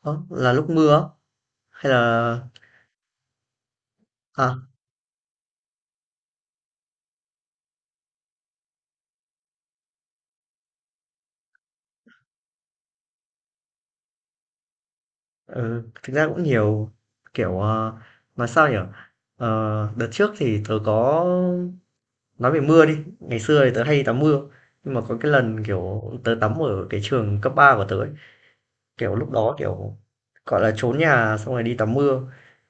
Ơ, là lúc mưa á? Hay là à, ừ, thực ra cũng nhiều, kiểu, ờ, nói sao nhỉ? Đợt trước thì tớ có nói về mưa đi. Ngày xưa thì tớ hay tắm mưa, nhưng mà có cái lần, kiểu, tớ tắm ở cái trường cấp 3 của tớ ấy. Kiểu, lúc đó, kiểu, gọi là trốn nhà xong rồi đi tắm mưa,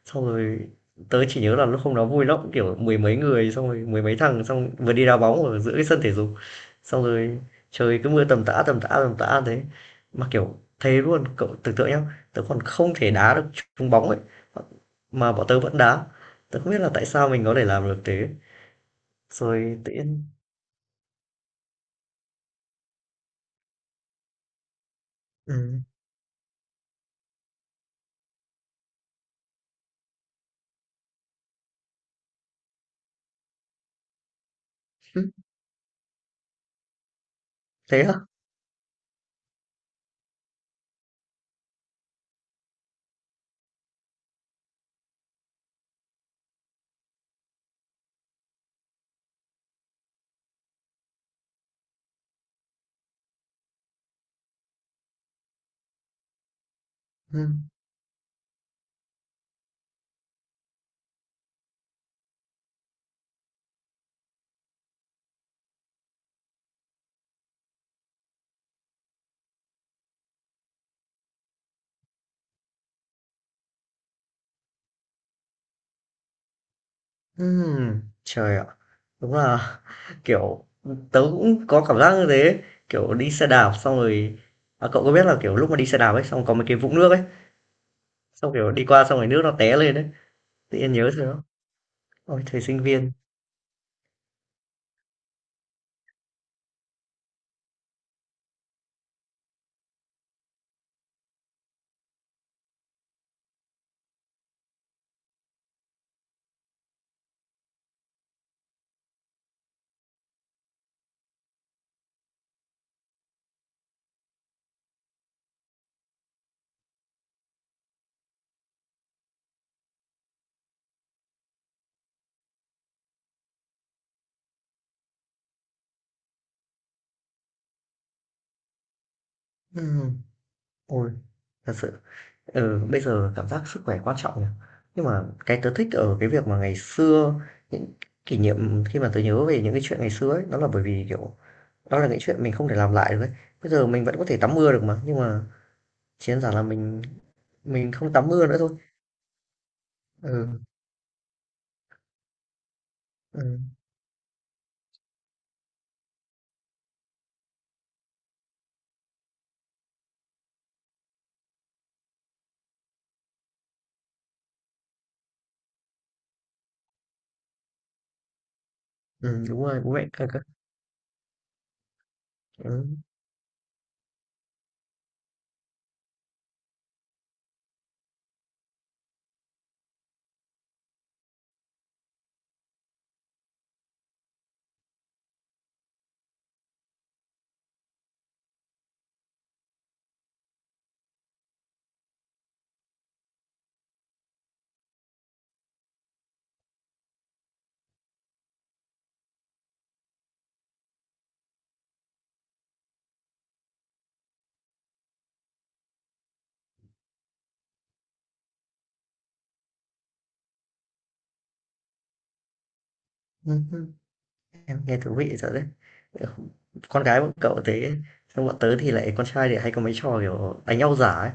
xong rồi tớ chỉ nhớ là lúc hôm đó vui lắm, kiểu, mười mấy người, xong rồi mười mấy thằng, xong vừa đi đá bóng ở giữa cái sân thể dục, xong rồi trời cứ mưa tầm tã, tầm tã, tầm tã thế. Mà, kiểu, thế luôn, cậu tưởng tượng nhá, tớ còn không thể đá được trúng bóng ấy, mà bọn tớ vẫn đá. Tớ không biết là tại sao mình có thể làm được thế. Rồi tự nhiên thế á? Ừm. Trời ạ, đúng là, kiểu, tớ cũng có cảm giác như thế, kiểu, đi xe đạp xong rồi à, cậu có biết là, kiểu, lúc mà đi xe đạp ấy, xong có mấy cái vũng nước ấy, xong, kiểu, đi qua xong rồi nước nó té lên ấy, tự nhiên nhớ rồi đó. Ôi, thời sinh viên, ừm, ôi, thật sự, ừ, bây giờ cảm giác sức khỏe quan trọng nhỉ. Nhưng mà cái tớ thích ở cái việc mà ngày xưa, những kỷ niệm khi mà tớ nhớ về những cái chuyện ngày xưa ấy, đó là bởi vì, kiểu, đó là những chuyện mình không thể làm lại được ấy. Bây giờ mình vẫn có thể tắm mưa được mà, nhưng mà chiến đơn là mình không tắm mưa nữa thôi. Ừ, ừ, ừ, đúng rồi, bố mẹ cơ cơ. Ừ. ừ, ừ. Em nghe thú vị thật đấy. Ừ, con gái bọn cậu thế, xong bọn tớ thì lại con trai thì hay có mấy trò kiểu đánh nhau giả ấy.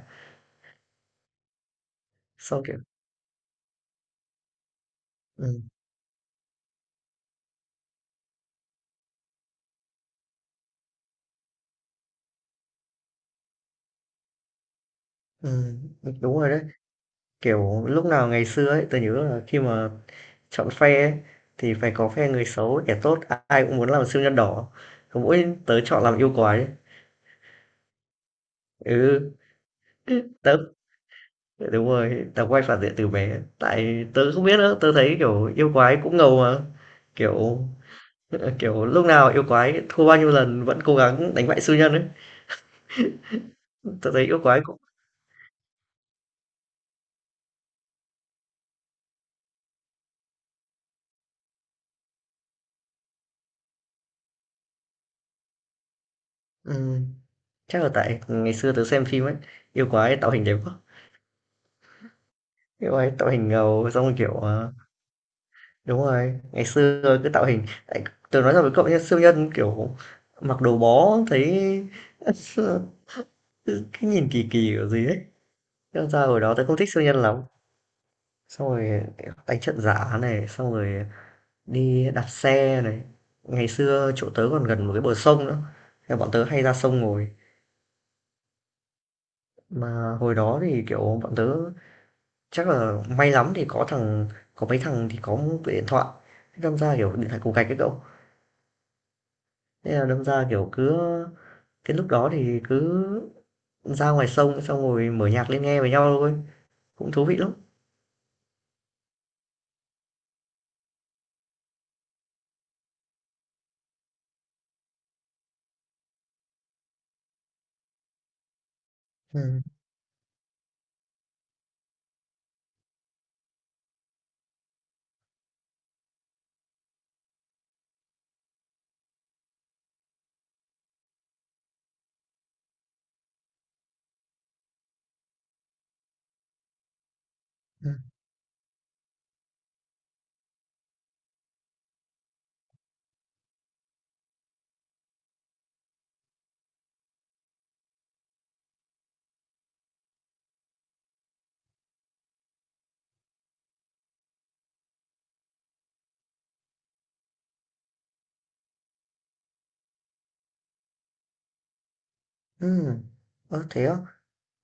Xong kiểu ừ, ừ, đúng rồi đấy. Kiểu lúc nào ngày xưa ấy, tớ nhớ là khi mà chọn phe ấy, thì phải có phe người xấu, kẻ tốt, ai cũng muốn làm siêu nhân đỏ. Còn mỗi tớ chọn làm yêu quái ấy. Ừ, tớ dạ, đúng rồi tao quay phản diện từ bé tại tớ không biết nữa, tớ thấy kiểu yêu quái cũng ngầu mà, kiểu kiểu lúc nào yêu quái thua bao nhiêu lần vẫn cố gắng đánh bại siêu nhân ấy. Tớ thấy yêu quái cũng ừm, chắc là tại ngày xưa tớ xem phim ấy, yêu quái tạo hình đẹp quá, yêu quái tạo hình ngầu xong đúng rồi ngày xưa cứ tạo hình tại tớ nói thật với cậu nhé, siêu nhân kiểu mặc đồ bó thấy cái nhìn kỳ kỳ kiểu gì ấy. Thế sao hồi đó tớ không thích siêu nhân lắm, xong rồi đánh trận giả này, xong rồi đi đạp xe này, ngày xưa chỗ tớ còn gần một cái bờ sông nữa. Thế là bọn tớ hay ra sông ngồi, mà hồi đó thì kiểu bọn tớ chắc là may lắm thì có mấy thằng thì có một cái điện thoại, thế đâm ra kiểu điện thoại cục gạch ấy cậu, thế là đâm ra kiểu cứ cái lúc đó thì cứ ra ngoài sông xong rồi mở nhạc lên nghe với nhau thôi, cũng thú vị lắm. Ừ ừ ừ Ơ, thế á.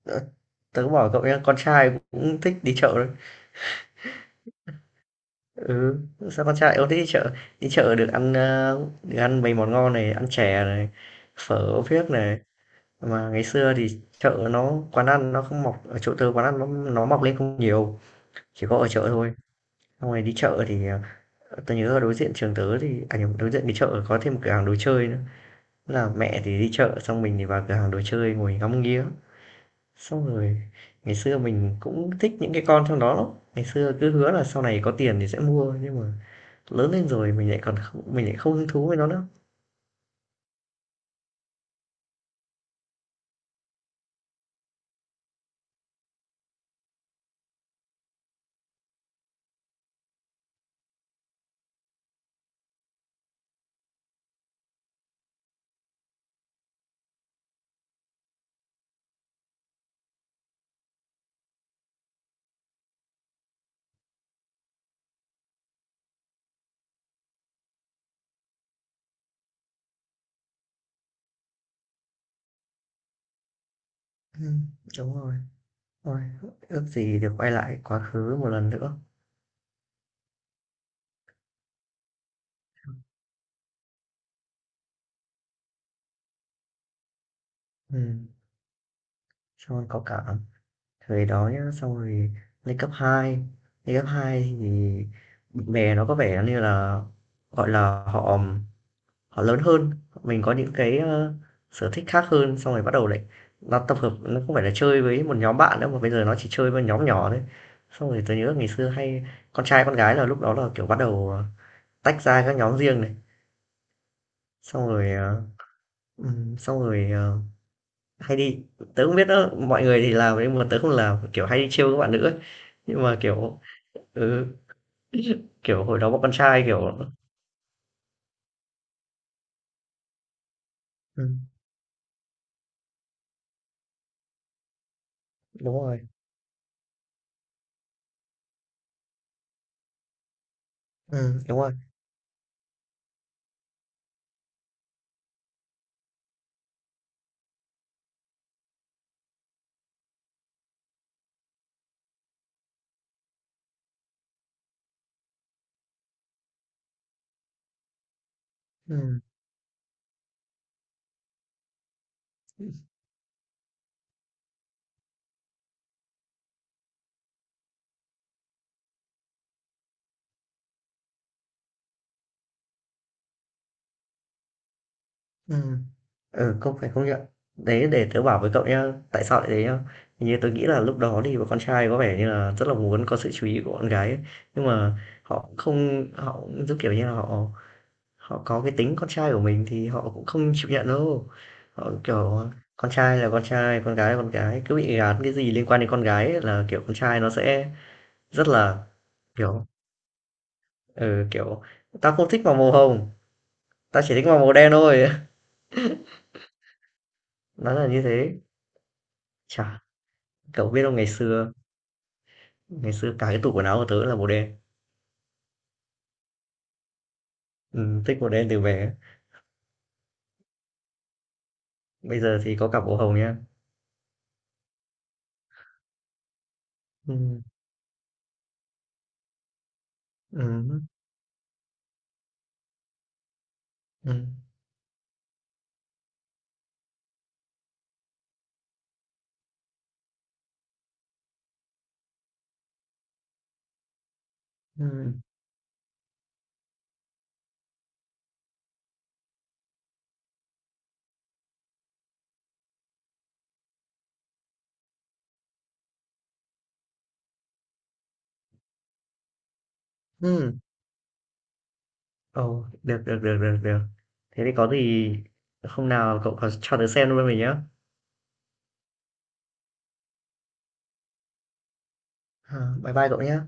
Ờ, tớ bảo cậu nha, con trai cũng thích đi chợ đấy. Ừ, sao con trai ông thích đi chợ? Đi chợ được được ăn mấy món ngon này, ăn chè này, phở phiếc này, mà ngày xưa thì chợ nó quán ăn nó mọc lên không nhiều, chỉ có ở chợ thôi, xong rồi đi chợ thì ờ, tớ nhớ ở đối diện trường tớ thì à nhầm, đối diện cái chợ có thêm một cửa hàng đồ chơi nữa. Thế là mẹ thì đi chợ xong mình thì vào cửa hàng đồ chơi ngồi ngắm nghía, xong rồi ngày xưa mình cũng thích những cái con trong đó lắm, ngày xưa cứ hứa là sau này có tiền thì sẽ mua, nhưng mà lớn lên rồi mình lại không hứng thú với nó nữa. Ừ, đúng rồi. Ôi, ước gì được quay lại quá khứ một lần nữa. Ừ, cho nó có cảm thời đó nhá, xong rồi lên cấp 2, lên cấp 2 thì bạn bè nó có vẻ như là gọi là họ họ lớn hơn, mình có những sở thích khác hơn, xong rồi bắt đầu lại, nó tập hợp nó không phải là chơi với một nhóm bạn nữa mà bây giờ nó chỉ chơi với nhóm nhỏ thôi, xong rồi tôi nhớ ngày xưa hay con trai con gái là lúc đó là kiểu tách ra các nhóm riêng này, xong rồi ờ, ừm, xong rồi ờ, hay đi, tớ không biết đó mọi người thì làm nhưng mà tớ không làm, kiểu hay đi trêu các bạn nữ ấy. Nhưng mà kiểu ừ, kiểu hồi đó bọn con trai kiểu ừ, đúng rồi ừ, đúng rồi ừ, ừ, ừ, không phải không nhận. Đấy để tớ bảo với cậu nhá tại sao lại thế nhá. Hình như tớ nghĩ là lúc đó thì bọn con trai có vẻ như là rất là muốn có sự chú ý của con gái ấy. Nhưng mà họ không, họ cũng giống kiểu như là họ họ có cái tính con trai của mình thì họ cũng không chịu nhận đâu. Họ, kiểu, con trai là con trai, con gái là con gái, cứ bị gán cái gì liên quan đến con gái ấy là, kiểu, con trai nó sẽ rất là, kiểu, ừ, kiểu, "Tao không thích màu màu hồng, tao chỉ thích màu màu đen thôi." Nó là như thế. Chả, cậu biết không, ngày xưa cả cái tủ quần áo của tớ là màu đen. Thích màu đen từ bé, bây giờ thì có cả màu hồng nha. Ừ ừ ừ ừ ừm. Ồ, được, được, được, được, được. Thế thì có gì hôm nào cậu có cho tớ xem luôn mình nhé. Bye bye cậu nhé.